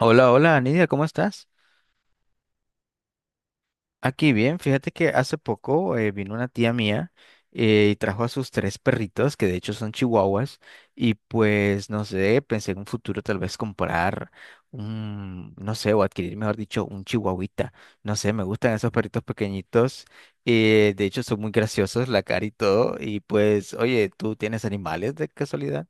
Hola, hola, Nidia, ¿cómo estás? Aquí bien, fíjate que hace poco vino una tía mía y trajo a sus tres perritos, que de hecho son chihuahuas, y pues no sé, pensé en un futuro tal vez comprar un, no sé, o adquirir, mejor dicho, un chihuahuita. No sé, me gustan esos perritos pequeñitos, de hecho son muy graciosos, la cara y todo, y pues, oye, ¿tú tienes animales de casualidad?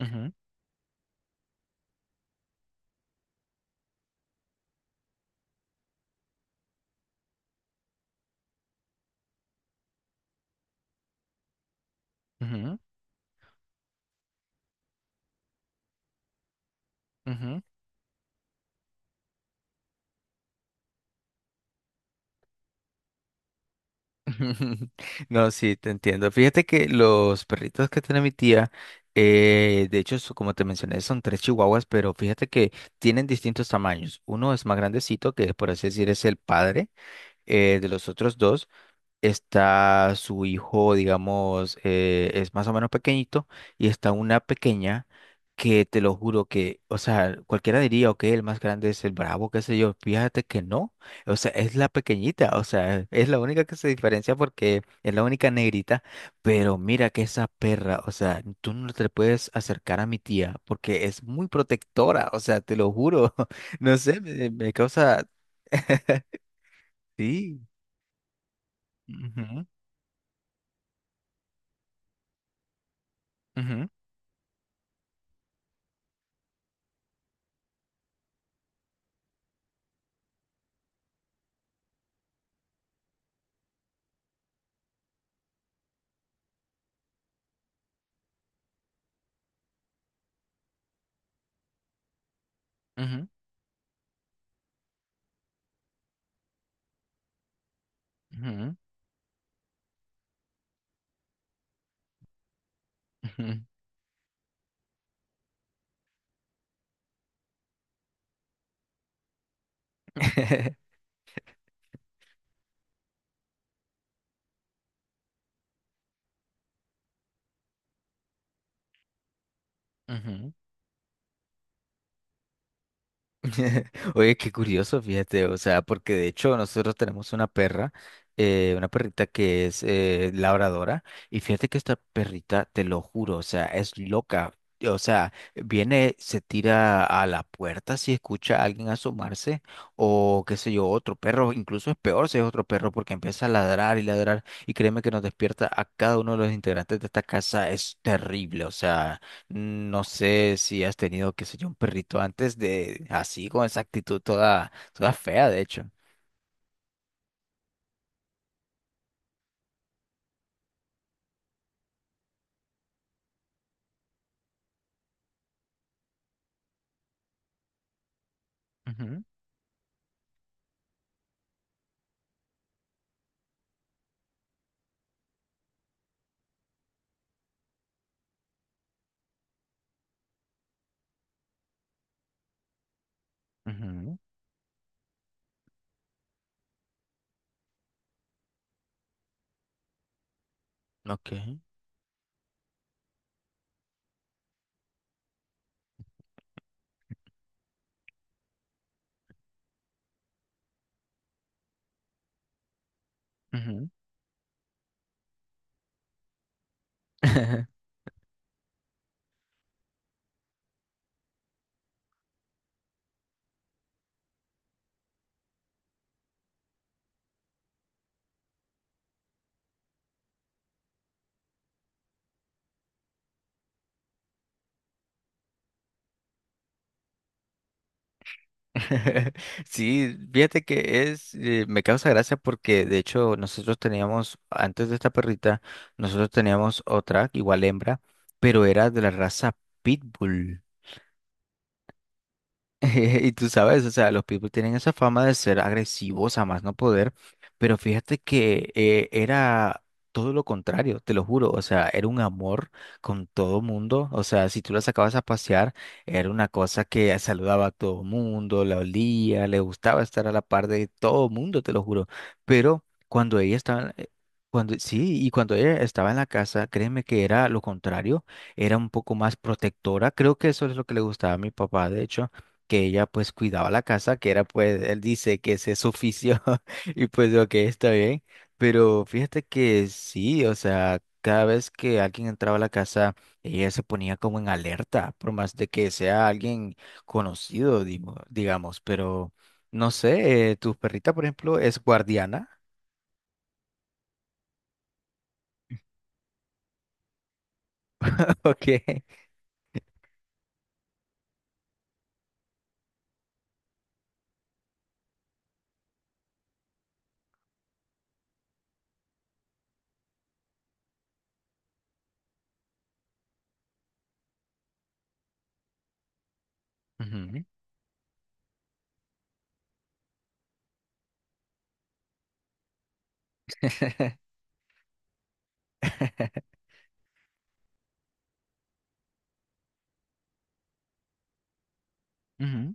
Ujú, ujú, ujú. No, sí, te entiendo. Fíjate que los perritos que tiene mi tía, de hecho, como te mencioné, son tres chihuahuas, pero fíjate que tienen distintos tamaños. Uno es más grandecito, que por así decir es el padre de los otros dos, está su hijo, digamos, es más o menos pequeñito, y está una pequeña que te lo juro que, o sea, cualquiera diría, ok, el más grande es el bravo, qué sé yo, fíjate que no, o sea, es la pequeñita, o sea, es la única que se diferencia porque es la única negrita, pero mira que esa perra, o sea, tú no te puedes acercar a mi tía porque es muy protectora, o sea, te lo juro, no sé, me causa, sí. Ujú, ujú, ujú. Ujú, ujú, ujú. Oye, qué curioso, fíjate, o sea, porque de hecho nosotros tenemos una perra, una perrita que es labradora, y fíjate que esta perrita, te lo juro, o sea, es loca, o sea, viene, se tira a la puerta si escucha a alguien asomarse, o qué sé yo, otro perro, incluso es peor si es otro perro, porque empieza a ladrar y ladrar, y créeme que nos despierta a cada uno de los integrantes de esta casa, es terrible, o sea. No sé si has tenido, qué sé yo, un perrito antes de así, con esa actitud toda fea, de hecho. Ujú, ujú, ok, ujú. Sí, fíjate que es, me causa gracia porque de hecho nosotros teníamos, antes de esta perrita, nosotros teníamos otra, igual hembra, pero era de la raza Pitbull. Y tú sabes, o sea, los pitbull tienen esa fama de ser agresivos a más no poder, pero fíjate que era todo lo contrario, te lo juro, o sea, era un amor con todo mundo, o sea, si tú la sacabas a pasear, era una cosa que saludaba a todo mundo, la olía, le gustaba estar a la par de todo mundo, te lo juro, pero cuando ella estaba... cuando, sí, y cuando ella estaba en la casa, créeme que era lo contrario, era un poco más protectora, creo que eso es lo que le gustaba a mi papá, de hecho que ella pues cuidaba la casa, que era pues, él dice que ese es su oficio y pues ok, está bien, pero fíjate que sí, o sea, cada vez que alguien entraba a la casa, ella se ponía como en alerta, por más de que sea alguien conocido, digamos, pero no sé, tu perrita, por ejemplo, es guardiana, ok. Ujú. Ujú.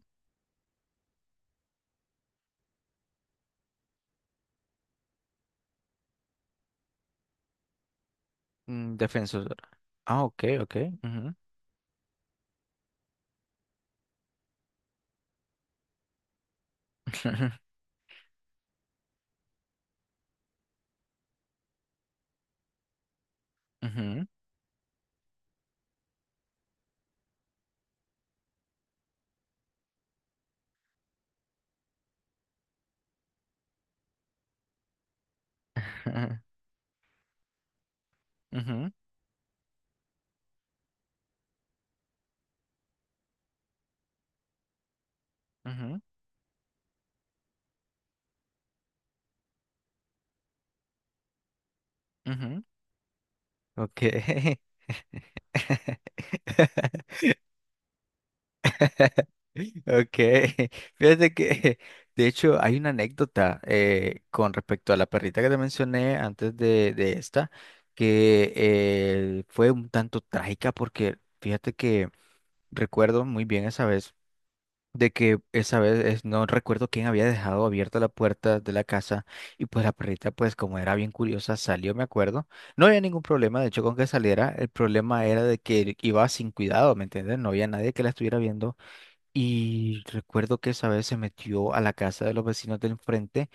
Mm, defensor. Ah, ok, ok. Ujú. Ujú. Ujú. Ujú. Ujú. Ok. Ok. Fíjate que, de hecho, hay una anécdota con respecto a la perrita que te mencioné antes de esta, que fue un tanto trágica porque fíjate que recuerdo muy bien esa vez. De que esa vez no recuerdo quién había dejado abierta la puerta de la casa y pues la perrita pues como era bien curiosa salió, me acuerdo. No había ningún problema, de hecho con que saliera, el problema era de que iba sin cuidado, ¿me entiendes? No había nadie que la estuviera viendo y recuerdo que esa vez se metió a la casa de los vecinos del enfrente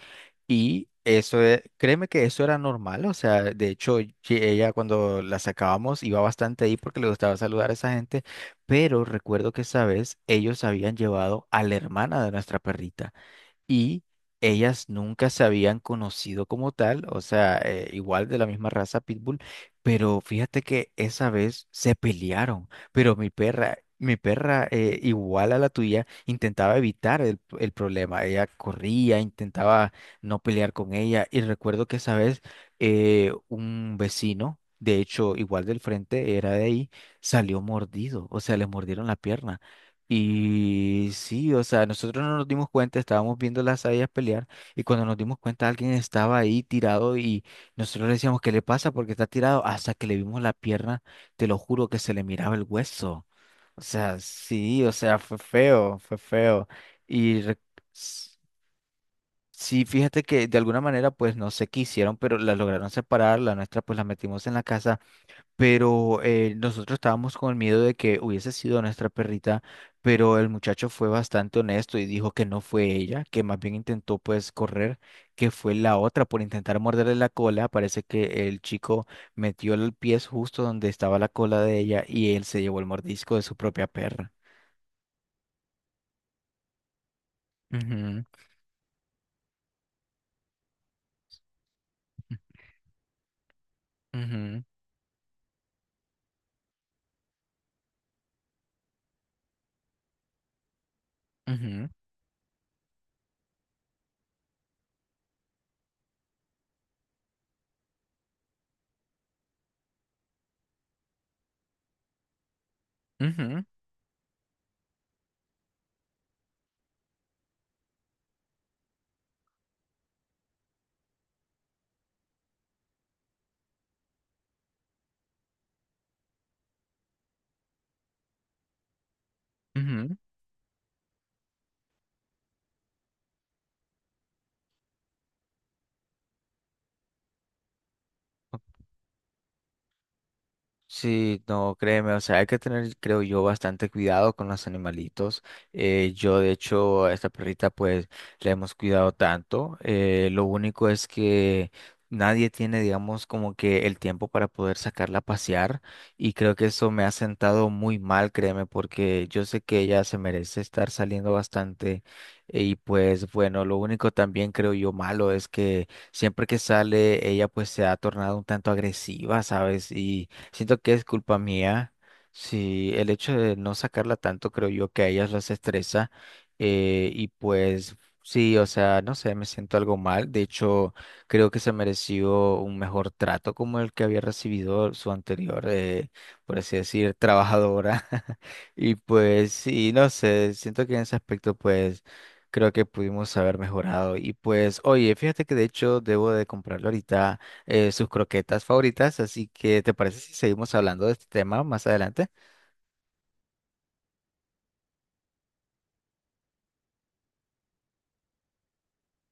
y eso, créeme que eso era normal, o sea, de hecho, ella cuando la sacábamos iba bastante ahí porque le gustaba saludar a esa gente, pero recuerdo que esa vez ellos habían llevado a la hermana de nuestra perrita y ellas nunca se habían conocido como tal, o sea, igual de la misma raza Pitbull, pero fíjate que esa vez se pelearon, pero mi perra igual a la tuya intentaba evitar el problema, ella corría, intentaba no pelear con ella y recuerdo que esa vez un vecino, de hecho igual del frente, era de ahí, salió mordido, o sea, le mordieron la pierna. Y sí, o sea, nosotros no nos dimos cuenta, estábamos viendo las hayas pelear y cuando nos dimos cuenta alguien estaba ahí tirado y nosotros le decíamos, ¿qué le pasa? ¿Porque está tirado? Hasta que le vimos la pierna, te lo juro que se le miraba el hueso. O sea, sí, o sea, fue feo, fue feo. Y s- sí, fíjate que de alguna manera pues no se quisieron, pero la lograron separar, la nuestra pues la metimos en la casa pero nosotros estábamos con el miedo de que hubiese sido nuestra perrita, pero el muchacho fue bastante honesto y dijo que no fue ella, que más bien intentó pues correr, que fue la otra por intentar morderle la cola. Parece que el chico metió el pie justo donde estaba la cola de ella y él se llevó el mordisco de su propia perra. Ujú, ujú, ujú, ujú, ujú. Sí, no, créeme, o sea, hay que tener, creo yo, bastante cuidado con los animalitos. Yo, de hecho, a esta perrita, pues, la hemos cuidado tanto. Lo único es que nadie tiene, digamos, como que el tiempo para poder sacarla a pasear. Y creo que eso me ha sentado muy mal, créeme, porque yo sé que ella se merece estar saliendo bastante. Y pues, bueno, lo único también, creo yo, malo es que siempre que sale, ella, pues, se ha tornado un tanto agresiva, ¿sabes? Y siento que es culpa mía. Si el hecho de no sacarla tanto, creo yo que a ellas las estresa. Y pues sí, o sea, no sé, me siento algo mal. De hecho, creo que se mereció un mejor trato como el que había recibido su anterior, por así decir, trabajadora. Y pues sí, no sé, siento que en ese aspecto, pues creo que pudimos haber mejorado. Y pues, oye, fíjate que de hecho debo de comprarlo ahorita sus croquetas favoritas. Así que, ¿te parece si seguimos hablando de este tema más adelante?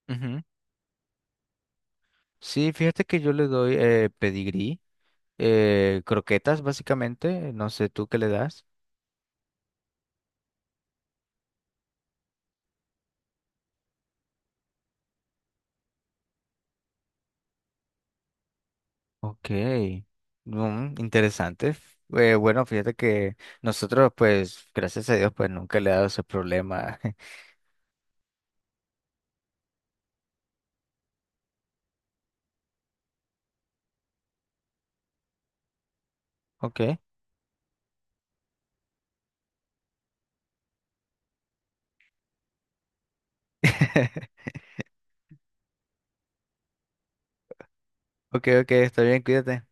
Ujú. Sí, fíjate que yo le doy pedigrí, croquetas básicamente. No sé tú qué le das. Ok, mm, interesante. Bueno, fíjate que nosotros, pues, gracias a Dios, pues nunca le he dado ese problema. Ok, ok, ok, está bien, cuídate.